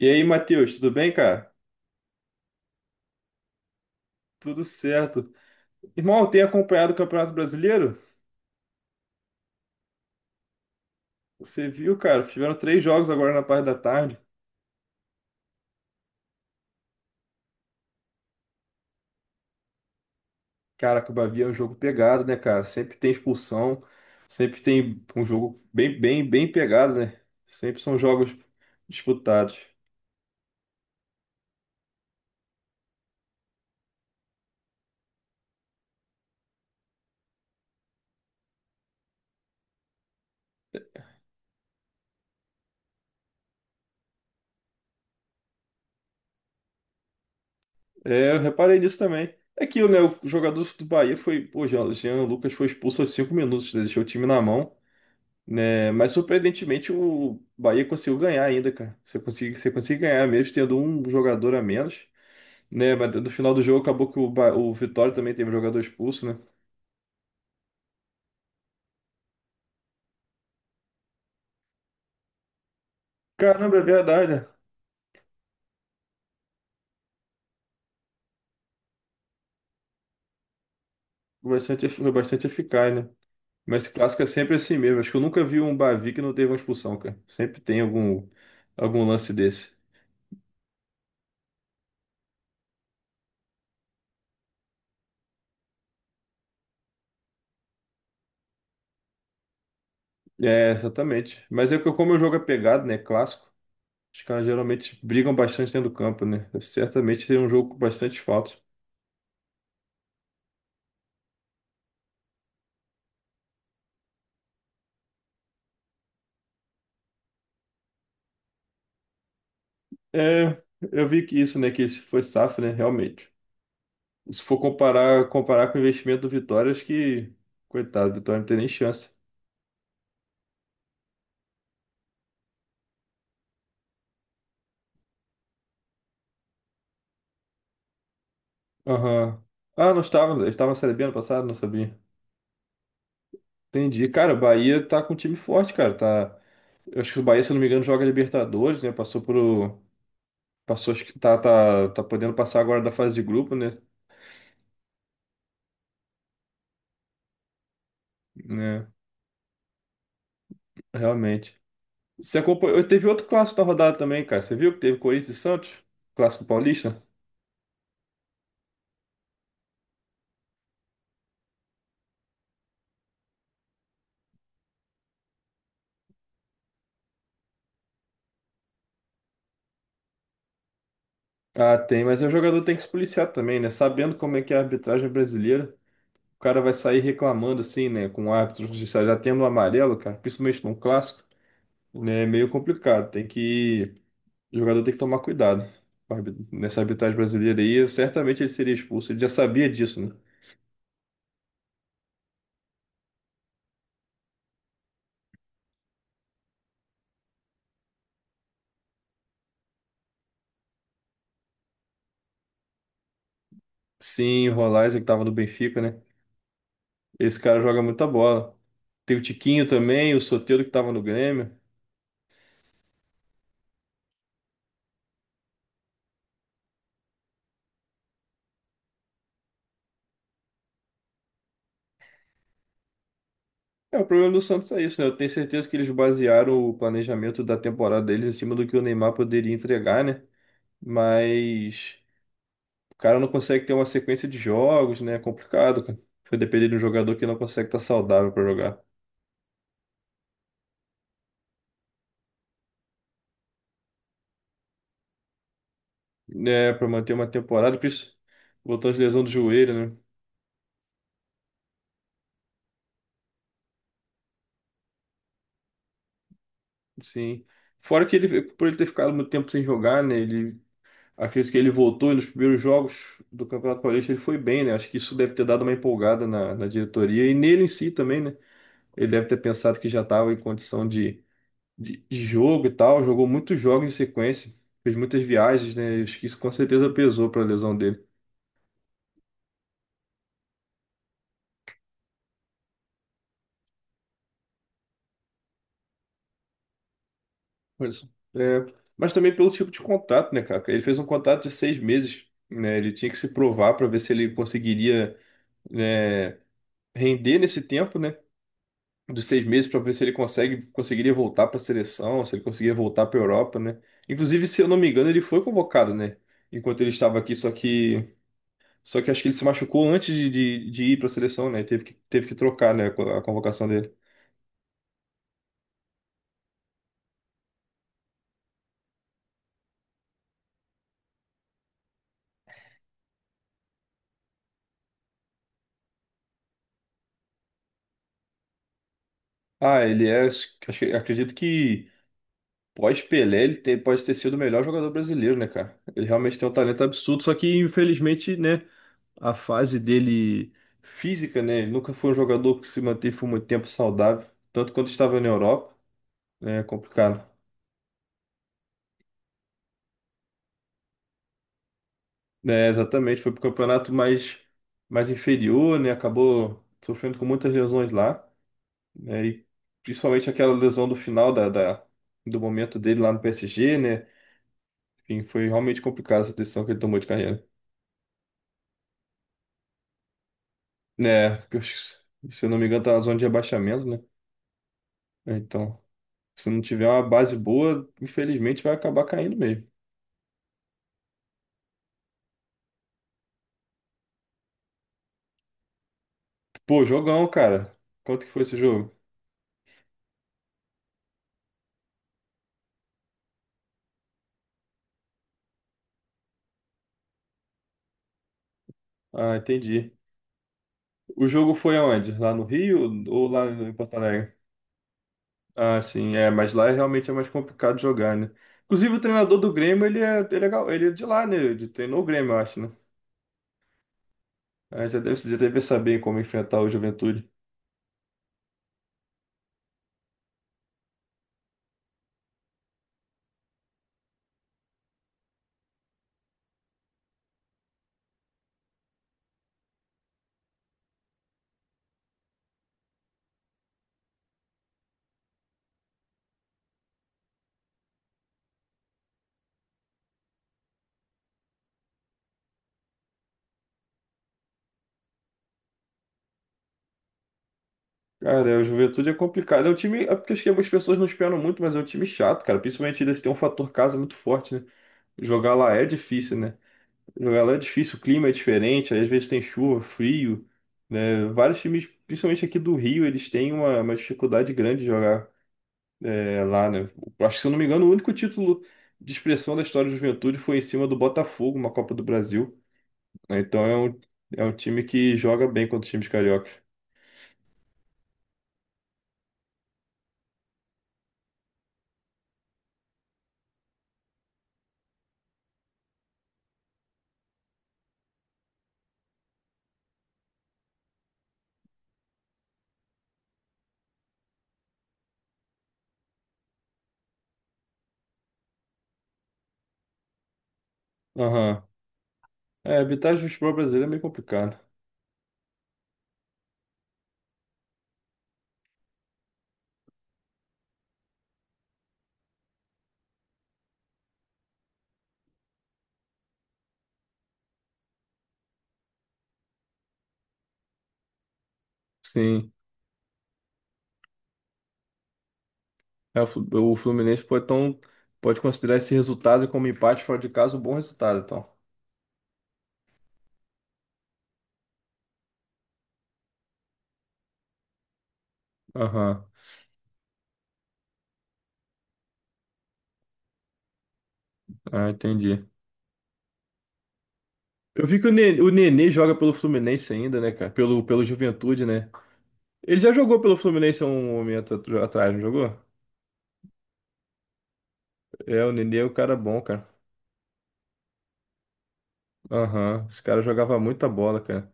E aí, Matheus, tudo bem, cara? Tudo certo. Irmão, tem acompanhado o Campeonato Brasileiro? Você viu, cara? Tiveram três jogos agora na parte da tarde. Caraca, o Bahia é um jogo pegado, né, cara? Sempre tem expulsão, sempre tem um jogo bem pegado, né? Sempre são jogos disputados. É, eu reparei nisso também. É aquilo, né? O jogador do Bahia foi. Pô, Jean Lucas foi expulso aos 5 minutos, né? Deixou o time na mão, né? Mas surpreendentemente o Bahia conseguiu ganhar ainda, cara. Você consegue ganhar mesmo tendo um jogador a menos, né? Mas no final do jogo acabou que o o Vitória também teve um jogador expulso, né? Caramba, é verdade, né? Foi foi bastante eficaz, né? Mas esse clássico é sempre assim mesmo. Acho que eu nunca vi um Bavi que não teve uma expulsão, cara. Sempre tem algum, algum lance desse. É, exatamente. Mas é que como o jogo é pegado, né? Clássico. Os caras geralmente brigam bastante dentro do campo, né? Certamente tem um jogo com bastante faltas. É, eu vi que isso, né? Que esse foi safra, né? Realmente. Se for comparar com o investimento do Vitória, acho que. Coitado, o Vitória não tem nem chance. Aham. Ah, não estava. Eles estavam na Série B ano passado? Não sabia. Entendi. Cara, o Bahia tá com um time forte, cara. Tá... Eu acho que o Bahia, se eu não me engano, joga Libertadores, né? Passou pro. Passou, acho que tá podendo passar agora da fase de grupo, né? Né? Realmente. Você acompanhou. Teve outro clássico da rodada também, cara. Você viu que teve Corinthians e Santos? Clássico paulista? Ah, tem, mas o jogador tem que se policiar também, né? Sabendo como é que é a arbitragem brasileira, o cara vai sair reclamando assim, né? Com o árbitro judicial já tendo um amarelo, cara, principalmente num clássico, né? É meio complicado. Tem que. O jogador tem que tomar cuidado nessa arbitragem brasileira aí, certamente ele seria expulso. Ele já sabia disso, né? Sim, o Rolaisen que tava no Benfica, né? Esse cara joga muita bola. Tem o Tiquinho também, o Soteldo que tava no Grêmio. É, o problema do Santos é isso, né? Eu tenho certeza que eles basearam o planejamento da temporada deles em cima do que o Neymar poderia entregar, né? Mas o cara não consegue ter uma sequência de jogos, né? É complicado, cara. Foi depender de um jogador que não consegue estar saudável para jogar, né? Para manter uma temporada, por isso, voltou de lesão do joelho, né? Sim. Fora que ele, por ele ter ficado muito tempo sem jogar, né? Ele, acredito que ele voltou e nos primeiros jogos do Campeonato Paulista ele foi bem, né? Acho que isso deve ter dado uma empolgada na, na diretoria e nele em si também, né? Ele deve ter pensado que já estava em condição de, de jogo e tal. Jogou muitos jogos em sequência, fez muitas viagens, né? Acho que isso com certeza pesou para a lesão dele. Pois. É, mas também pelo tipo de contrato, né, cara? Ele fez um contrato de 6 meses, né? Ele tinha que se provar para ver se ele conseguiria, né, render nesse tempo, né? Dos 6 meses para ver se ele conseguiria voltar para a seleção, se ele conseguiria voltar para a Europa, né? Inclusive, se eu não me engano, ele foi convocado, né? Enquanto ele estava aqui, só que... Só que acho que ele se machucou antes de ir para a seleção, né? Teve que trocar, né, a convocação dele. Ah, ele é. Acredito que pós-Pelé ele pode ter sido o melhor jogador brasileiro, né, cara? Ele realmente tem um talento absurdo, só que infelizmente, né, a fase dele física, né? Ele nunca foi um jogador que se manteve por muito tempo saudável, tanto quanto estava na Europa, né? É complicado. É, exatamente, foi pro campeonato mais, mais inferior, né? Acabou sofrendo com muitas lesões lá, né? E principalmente aquela lesão do final da do momento dele lá no PSG, né? Enfim, foi realmente complicada essa decisão que ele tomou de carreira. Né, porque eu acho que, se eu não me engano, tá na zona de rebaixamento, né? Né, então, se não tiver uma base boa, infelizmente vai acabar caindo mesmo. Pô, jogão, cara. Quanto que foi esse jogo? Ah, entendi. O jogo foi aonde? Lá no Rio ou lá em Porto Alegre? Ah, sim, é, mas lá realmente é mais complicado jogar, né? Inclusive, o treinador do Grêmio, ele é de lá, né? Ele treinou o Grêmio, eu acho, né? Ah, já deve saber como enfrentar o Juventude. Cara, é, o Juventude é complicado. É um time. É porque acho que algumas pessoas não esperam muito, mas é um time chato, cara. Principalmente eles têm um fator casa muito forte, né? Jogar lá é difícil, né? Jogar lá é difícil, o clima é diferente, aí às vezes tem chuva, frio, né? Vários times, principalmente aqui do Rio, eles têm uma dificuldade grande de jogar é, lá, né? Eu acho que, se eu não me engano, o único título de expressão da história do Juventude foi em cima do Botafogo, uma Copa do Brasil, né? Então é um time que joga bem contra os times cariocas. Aham. É, evitar o futebol brasileiro é meio complicado. Sim. É, o Fluminense pode, então, pode considerar esse resultado como empate fora de casa um bom resultado, então. Aham. Ah, entendi. Eu vi que o Nenê joga pelo Fluminense ainda, né, cara? Pelo, pelo Juventude, né? Ele já jogou pelo Fluminense há um momento atrás, não jogou? É, o Nenê é o cara bom, cara. Aham. Esse cara jogava muita bola, cara.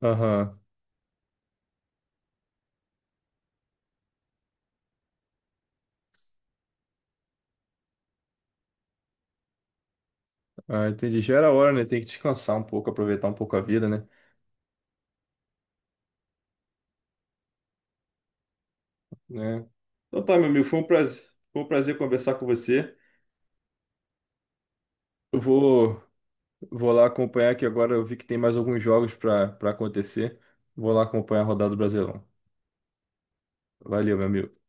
Aham. Ah, entendi. Já era hora, né? Tem que descansar um pouco, aproveitar um pouco a vida, né? Né? Então tá, meu amigo, foi um prazer conversar com você. Eu vou, vou lá acompanhar que agora eu vi que tem mais alguns jogos para acontecer. Vou lá acompanhar a rodada do Brasileirão. Valeu, meu amigo.